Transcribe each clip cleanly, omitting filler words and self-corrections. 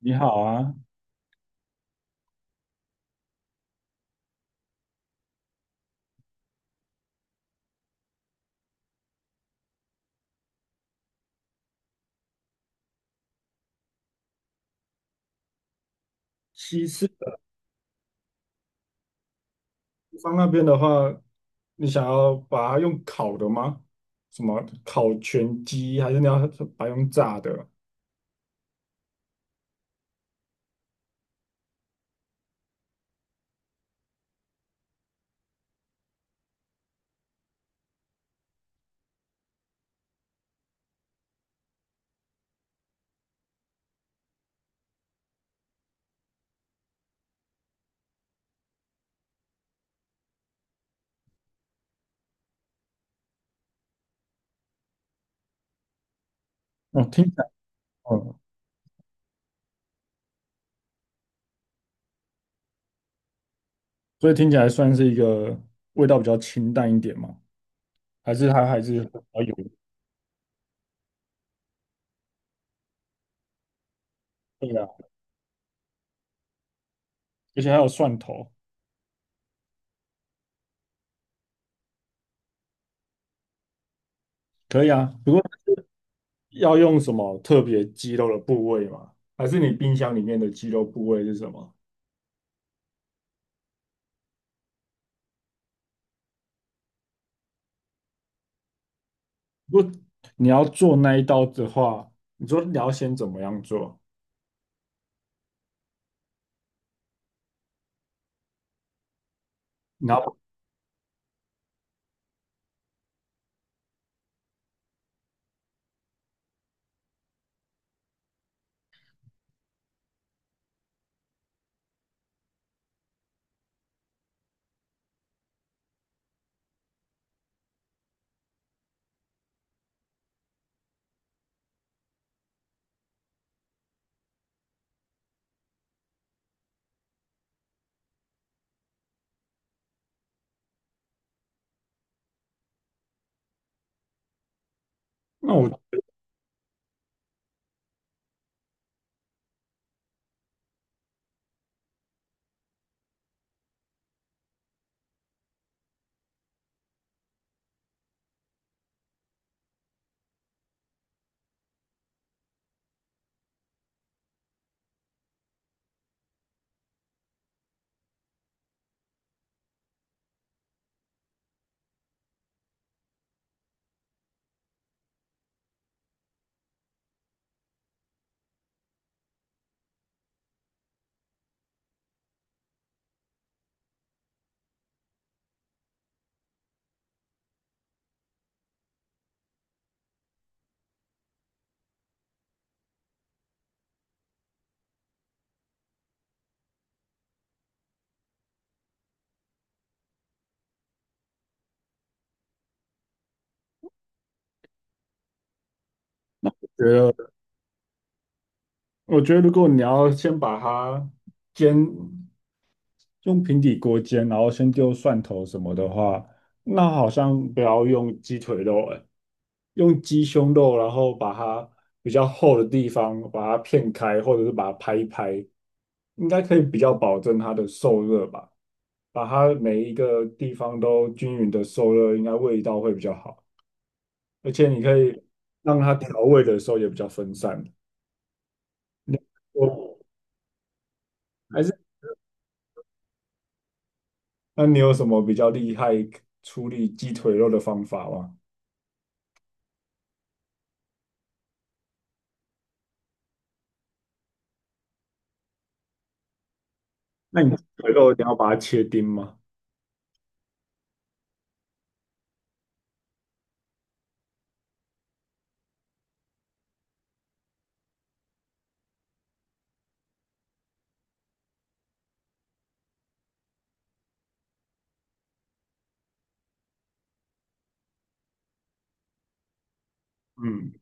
你好啊，西式北方那边的话，你想要把它用烤的吗？什么烤全鸡，还是你要把它用炸的？哦，听起来，嗯，所以听起来算是一个味道比较清淡一点嘛，还是它还是比较有，对啊，而且还有蒜头，可以啊。不过要用什么特别鸡肉的部位吗？还是你冰箱里面的鸡肉部位是什么？如果你要做那一道的话，你说你要先怎么样做？你要，那我觉得，我觉得如果你要先把它煎，用平底锅煎，然后先丢蒜头什么的话，那好像不要用鸡腿肉，哎，用鸡胸肉，然后把它比较厚的地方把它片开，或者是把它拍一拍，应该可以比较保证它的受热吧，把它每一个地方都均匀的受热，应该味道会比较好，而且你可以让它调味的时候也比较分散。我。还是。那你有什么比较厉害处理鸡腿肉的方法吗？那你鸡腿肉一定要把它切丁吗？嗯，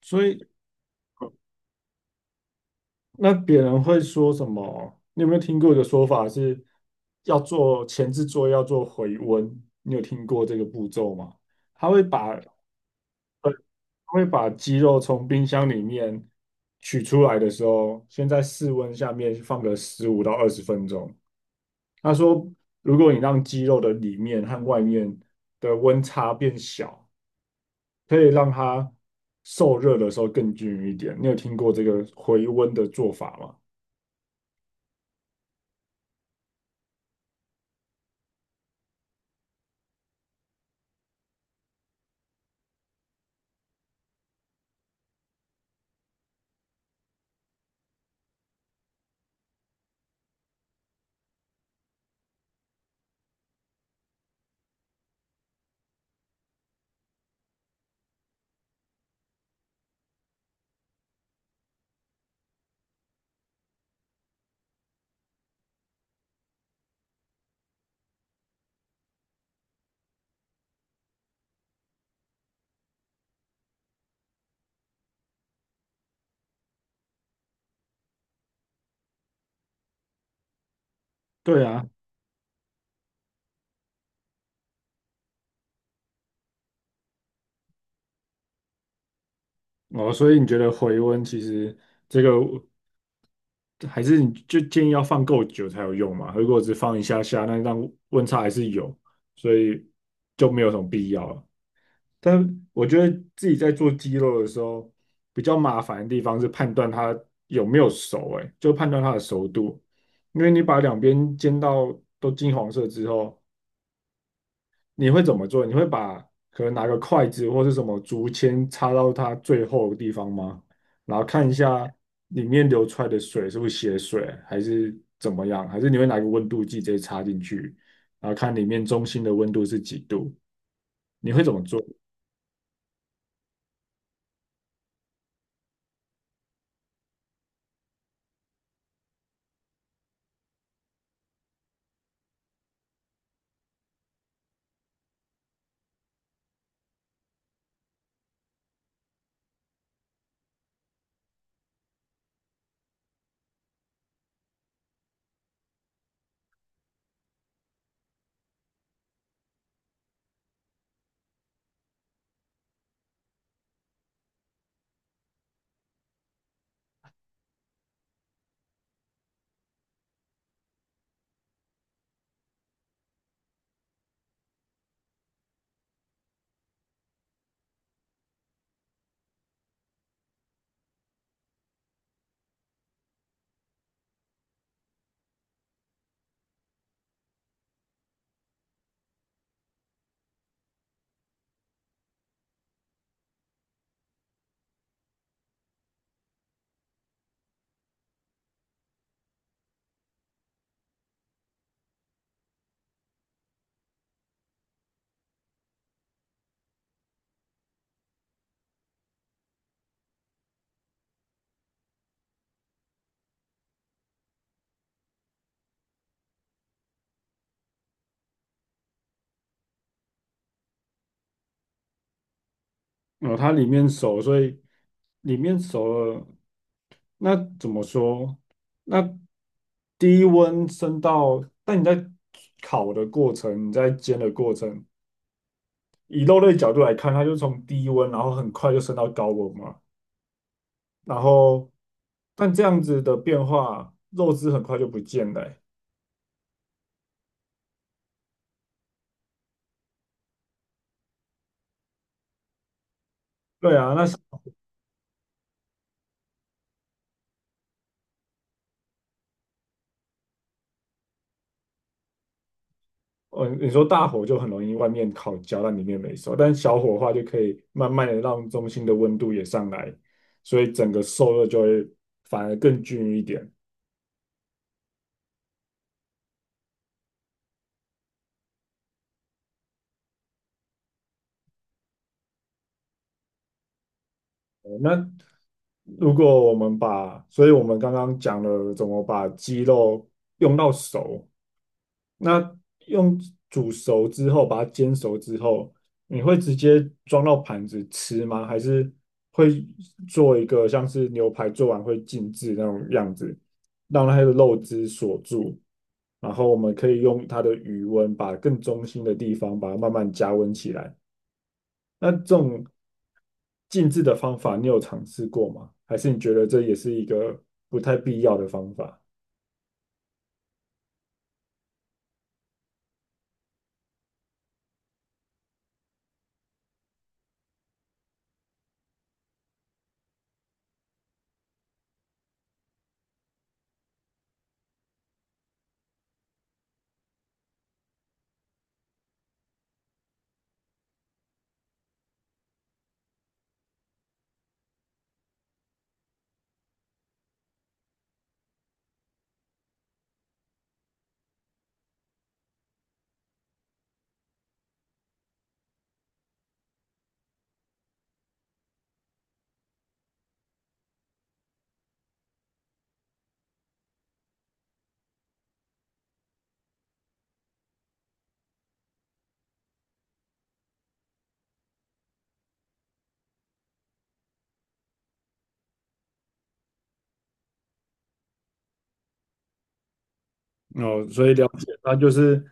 所以那别人会说什么？你有没有听过一个说法是要做前置作业要做回温？你有听过这个步骤吗？他会把呃他会把鸡肉从冰箱里面取出来的时候，先在室温下面放个15到20分钟，他说，如果你让肌肉的里面和外面的温差变小，可以让它受热的时候更均匀一点。你有听过这个回温的做法吗？对啊，哦，所以你觉得回温其实这个还是你就建议要放够久才有用嘛？如果只放一下下，那让温差还是有，所以就没有什么必要了。但我觉得自己在做鸡肉的时候，比较麻烦的地方是判断它有没有熟、欸，哎，就判断它的熟度。因为你把两边煎到都金黄色之后，你会怎么做？你会把可能拿个筷子或是什么竹签插到它最后的地方吗？然后看一下里面流出来的水是不是血水，还是怎么样？还是你会拿个温度计直接插进去，然后看里面中心的温度是几度？你会怎么做？哦，它里面熟，所以里面熟了，那怎么说？那低温升到，但你在烤的过程，你在煎的过程，以肉类角度来看，它就从低温，然后很快就升到高温嘛。然后，但这样子的变化，肉汁很快就不见了欸对啊，那嗯，你说大火就很容易外面烤焦，但里面没熟；但小火的话，就可以慢慢的让中心的温度也上来，所以整个受热就会反而更均匀一点。呃那如果我们把，所以我们刚刚讲了怎么把鸡肉用到熟，那用煮熟之后，把它煎熟之后，你会直接装到盘子吃吗？还是会做一个像是牛排做完会静置那种样子，让它的肉汁锁住，然后我们可以用它的余温把更中心的地方把它慢慢加温起来。那这种静置的方法，你有尝试过吗？还是你觉得这也是一个不太必要的方法？哦，所以了解，那就是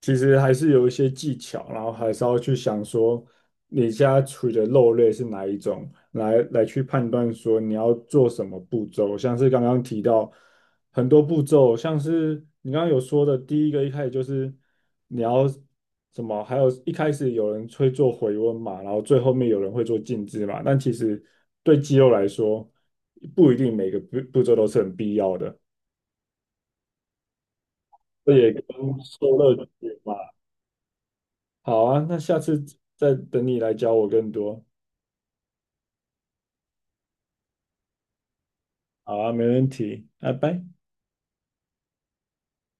其实还是有一些技巧，然后还是要去想说你家在处理的肉类是哪一种，来来去判断说你要做什么步骤。像是刚刚提到很多步骤，像是你刚刚有说的第一个，一开始就是你要什么，还有一开始有人会做回温嘛，然后最后面有人会做静置嘛，但其实对肌肉来说，不一定每个步骤都是很必要的。这也跟受乐趣嘛。好啊，那下次再等你来教我更多。好啊，没问题，拜拜。